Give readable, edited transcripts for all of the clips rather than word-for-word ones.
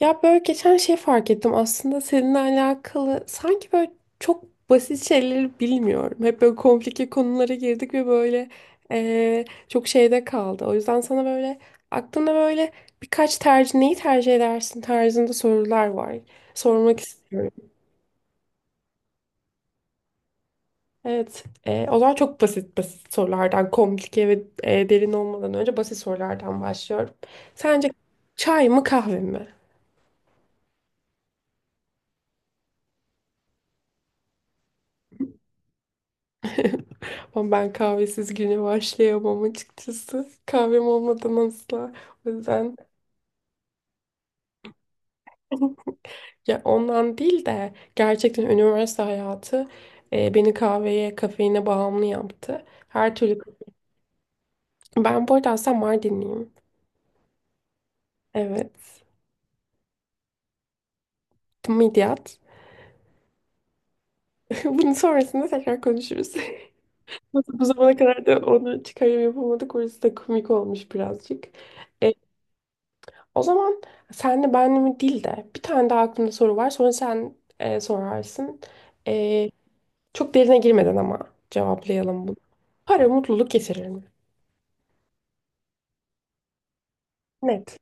Ya böyle geçen şey fark ettim aslında seninle alakalı sanki böyle çok basit şeyleri bilmiyorum. Hep böyle komplike konulara girdik ve böyle çok şeyde kaldı. O yüzden sana böyle aklında böyle birkaç tercih neyi tercih edersin tarzında sorular var. Sormak istiyorum. Evet, o zaman çok basit basit sorulardan komplike ve derin olmadan önce basit sorulardan başlıyorum. Sence çay mı kahve mi? Ama ben kahvesiz güne başlayamam, açıkçası. Kahvem olmadan asla. O yüzden ya ondan değil de gerçekten üniversite hayatı beni kahveye, kafeine bağımlı yaptı. Her türlü. Ben bu arada aslında Mardinliyim. Evet. Midyat. Bunun sonrasında tekrar konuşuruz. Nasıl bu zamana kadar da onu çıkarım yapamadık. Orası da komik olmuş birazcık. O zaman senle benle mi değil de bir tane daha aklımda soru var. Sonra sen sorarsın. E, Çok derine girmeden ama cevaplayalım bunu. Para mutluluk getirir mi? Net.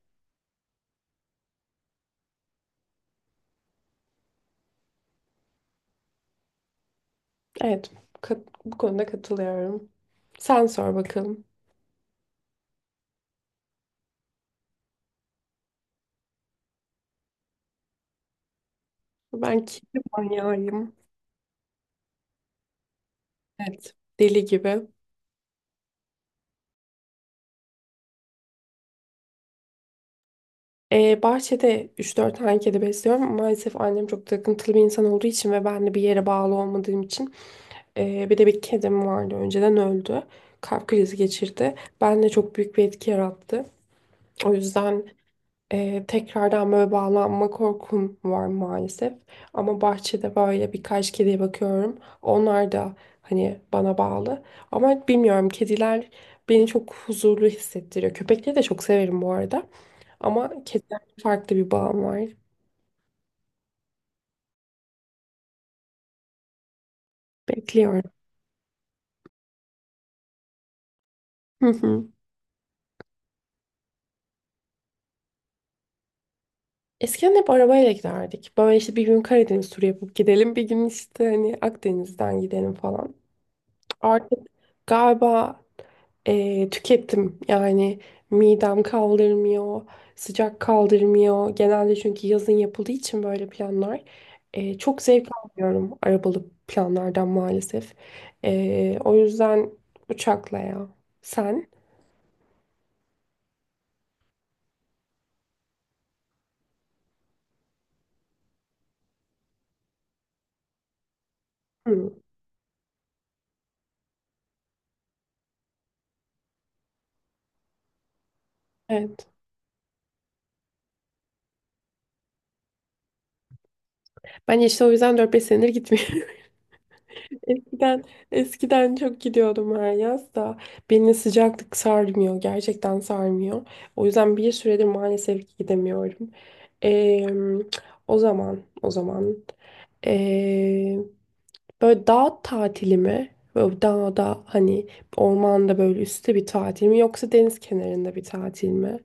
Evet. Bu konuda katılıyorum. Sen sor bakalım. Ben kedi manyağıyım. Evet. Deli gibi. Bahçede 3-4 tane kedi besliyorum. Maalesef annem çok takıntılı bir insan olduğu için ve ben de bir yere bağlı olmadığım için. Bir de bir kedim vardı. Önceden öldü. Kalp krizi geçirdi. Bende çok büyük bir etki yarattı. O yüzden tekrardan böyle bağlanma korkum var, maalesef. Ama bahçede böyle birkaç kediye bakıyorum. Onlar da hani bana bağlı. Ama bilmiyorum, kediler beni çok huzurlu hissettiriyor. Köpekleri de çok severim bu arada. Ama kedilerle farklı bir bağım var. Bekliyorum. Eskiden hep arabayla giderdik. Böyle işte bir gün Karadeniz turu yapıp gidelim, bir gün işte hani Akdeniz'den gidelim falan. Artık galiba tükettim. Yani midem kaldırmıyor, sıcak kaldırmıyor. Genelde çünkü yazın yapıldığı için böyle planlar. Çok zevk almıyorum arabalı planlardan, maalesef. O yüzden uçakla ya. Sen? Hı, evet. Ben işte o yüzden 4-5 senedir gitmiyorum. Eskiden, eskiden çok gidiyordum her yaz da beni sıcaklık sarmıyor. Gerçekten sarmıyor. O yüzden bir süredir maalesef ki gidemiyorum. Ee, o zaman ee, böyle dağ tatili mi? Böyle dağda hani ormanda böyle üstte bir tatil mi yoksa deniz kenarında bir tatil mi?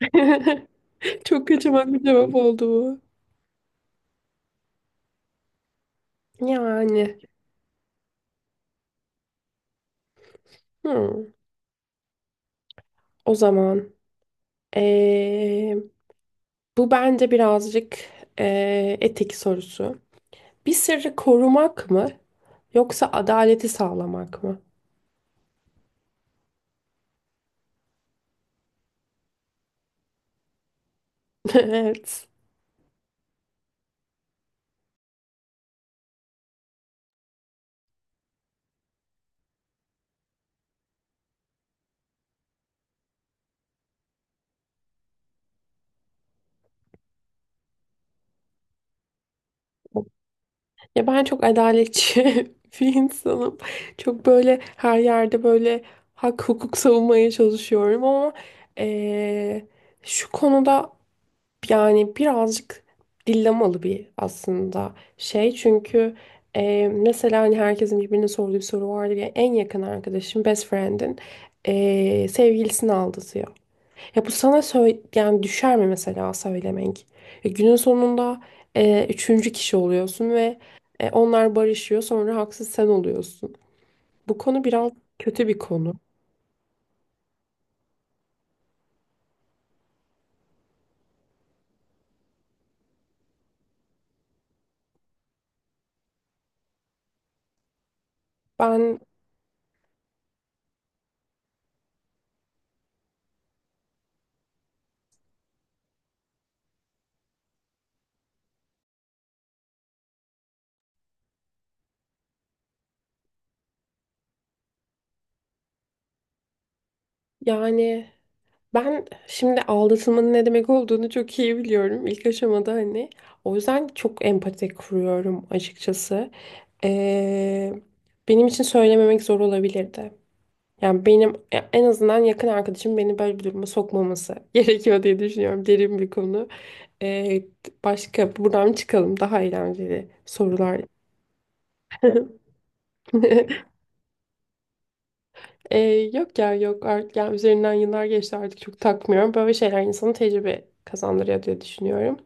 Çok kaçamak bir cevap oldu bu. Yani, hmm, o zaman bu bence birazcık etik sorusu. Bir sırrı korumak mı yoksa adaleti sağlamak mı? Evet. Ya ben çok adaletçi bir insanım. Çok böyle her yerde böyle hak hukuk savunmaya çalışıyorum ama eee, şu konuda. Yani birazcık dillemalı bir aslında şey, çünkü mesela hani herkesin birbirine sorduğu bir soru vardır ya, en yakın arkadaşın best friend'in sevgilisini aldatıyor. Ya bu sana söyle yani düşer mi mesela söylemek? Günün sonunda üçüncü kişi oluyorsun ve onlar barışıyor, sonra haksız sen oluyorsun. Bu konu biraz kötü bir konu. Ben yani Ben şimdi aldatılmanın ne demek olduğunu çok iyi biliyorum ilk aşamada, hani. O yüzden çok empati kuruyorum, açıkçası. Ee, Benim için söylememek zor olabilirdi. Yani benim ya en azından yakın arkadaşım beni böyle bir duruma sokmaması gerekiyor diye düşünüyorum. Derin bir konu. Ee, Başka, buradan çıkalım, daha eğlenceli sorular. Ee, Yok ya, yok artık, yani üzerinden yıllar geçti, artık çok takmıyorum. Böyle şeyler insanın tecrübe kazandırıyor diye düşünüyorum.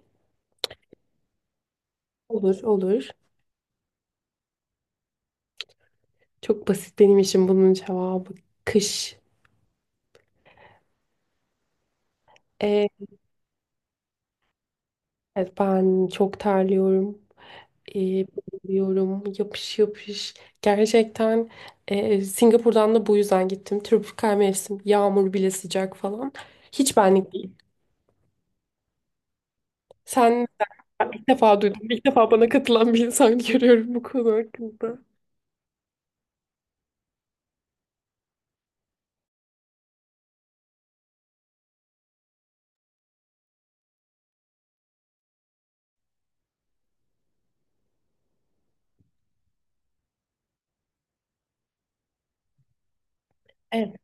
Olur, olur. Çok basit benim için bunun cevabı. Kış. Ee, evet, ben çok terliyorum. Ee, Biliyorum. Yapış yapış. Gerçekten Singapur'dan da bu yüzden gittim. Tropikal mevsim. Yağmur bile sıcak falan. Hiç benlik değil. Sen Ben ilk defa duydum. İlk defa bana katılan bir insan görüyorum bu konu hakkında. Evet.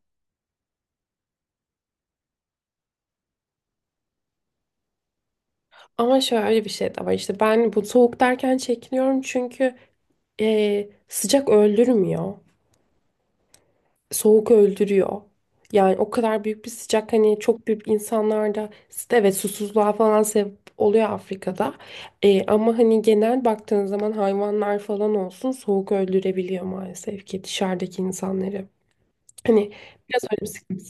Ama şöyle bir şey de var. İşte ben bu soğuk derken çekiniyorum, çünkü sıcak öldürmüyor. Soğuk öldürüyor. Yani o kadar büyük bir sıcak hani çok büyük insanlarda evet susuzluğa falan sebep oluyor Afrika'da. Ama hani genel baktığın zaman hayvanlar falan olsun soğuk öldürebiliyor maalesef ki dışarıdaki insanları. Hani biraz öyle bir sıkıntı.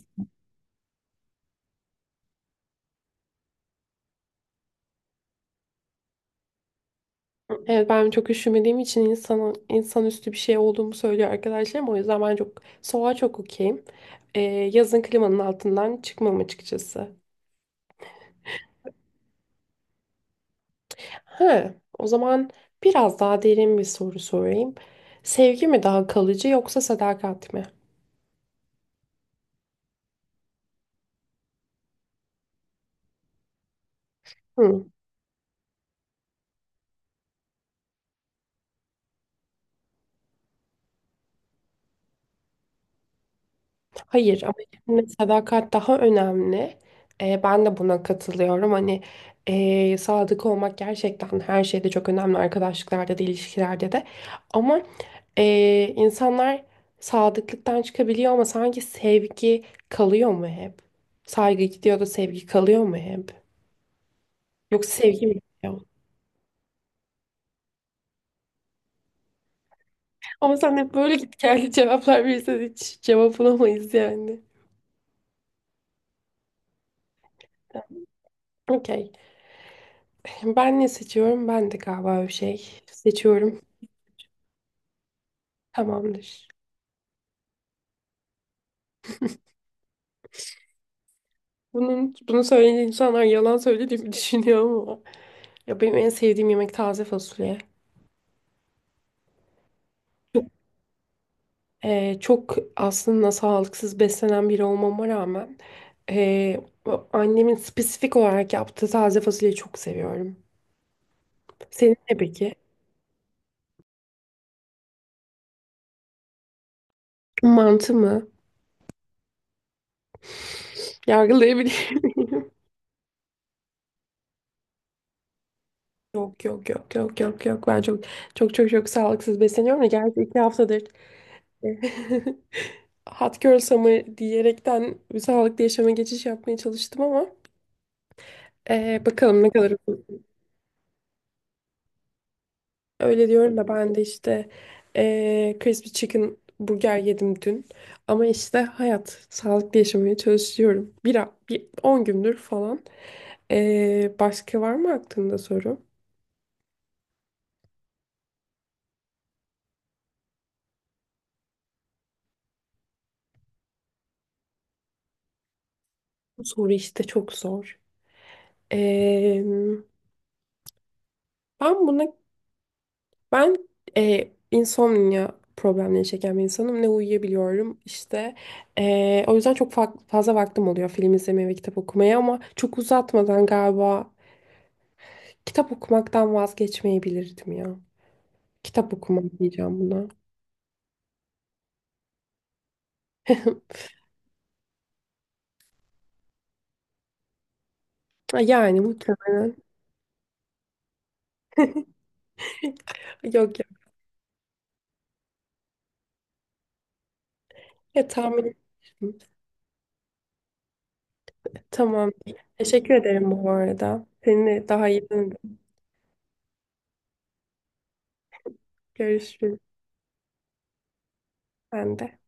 Evet, ben çok üşümediğim için insanüstü bir şey olduğumu söylüyor arkadaşlarım. O yüzden ben çok soğuğa çok okeyim. Yazın klimanın altından çıkmam, açıkçası. He, o zaman biraz daha derin bir soru sorayım. Sevgi mi daha kalıcı yoksa sadakat mi? Hı, hayır ama yine sadakat daha önemli. Ben de buna katılıyorum. Hani sadık olmak gerçekten her şeyde çok önemli. Arkadaşlıklarda da ilişkilerde de. Ama insanlar sadıklıktan çıkabiliyor ama sanki sevgi kalıyor mu hep? Saygı gidiyor da sevgi kalıyor mu hep? Yoksa sevgi mi gidiyor? Ama sen hep böyle git geldi cevaplar verirsen hiç cevap bulamayız yani. Okey. Ben ne seçiyorum? Ben de galiba bir şey seçiyorum. Tamamdır. Bunu söyleyen insanlar yalan söylediğimi düşünüyor ama. Ya benim en sevdiğim yemek taze fasulye. Çok aslında sağlıksız beslenen biri olmama rağmen o annemin spesifik olarak yaptığı taze fasulyeyi çok seviyorum. Senin ne peki? Mantı mı? Yargılayabilir miyim? Yok yok yok yok yok yok, ben çok çok çok çok sağlıksız besleniyorum da gerçi 2 haftadır hot girl summer diyerekten sağlıklı yaşama geçiş yapmaya çalıştım ama bakalım ne kadar. Öyle diyorum da ben de işte crispy chicken burger yedim dün ama işte hayat sağlıklı yaşamaya çalışıyorum bir 10 gündür falan. Başka var mı aklında soru? Bu soru işte çok zor. Eee Ben buna, ben, insomnia problemleri çeken bir insanım. Ne uyuyabiliyorum işte. O yüzden çok fazla vaktim oluyor film izlemeye ve kitap okumaya ama çok uzatmadan galiba kitap okumaktan vazgeçmeyebilirdim ya. Kitap okumak diyeceğim buna. Yani muhtemelen. Yok yok. Ya, tahmin etmiştim. Tamam. Teşekkür ederim bu arada. Seni daha iyi tanıdım. Görüşürüz. Ben de.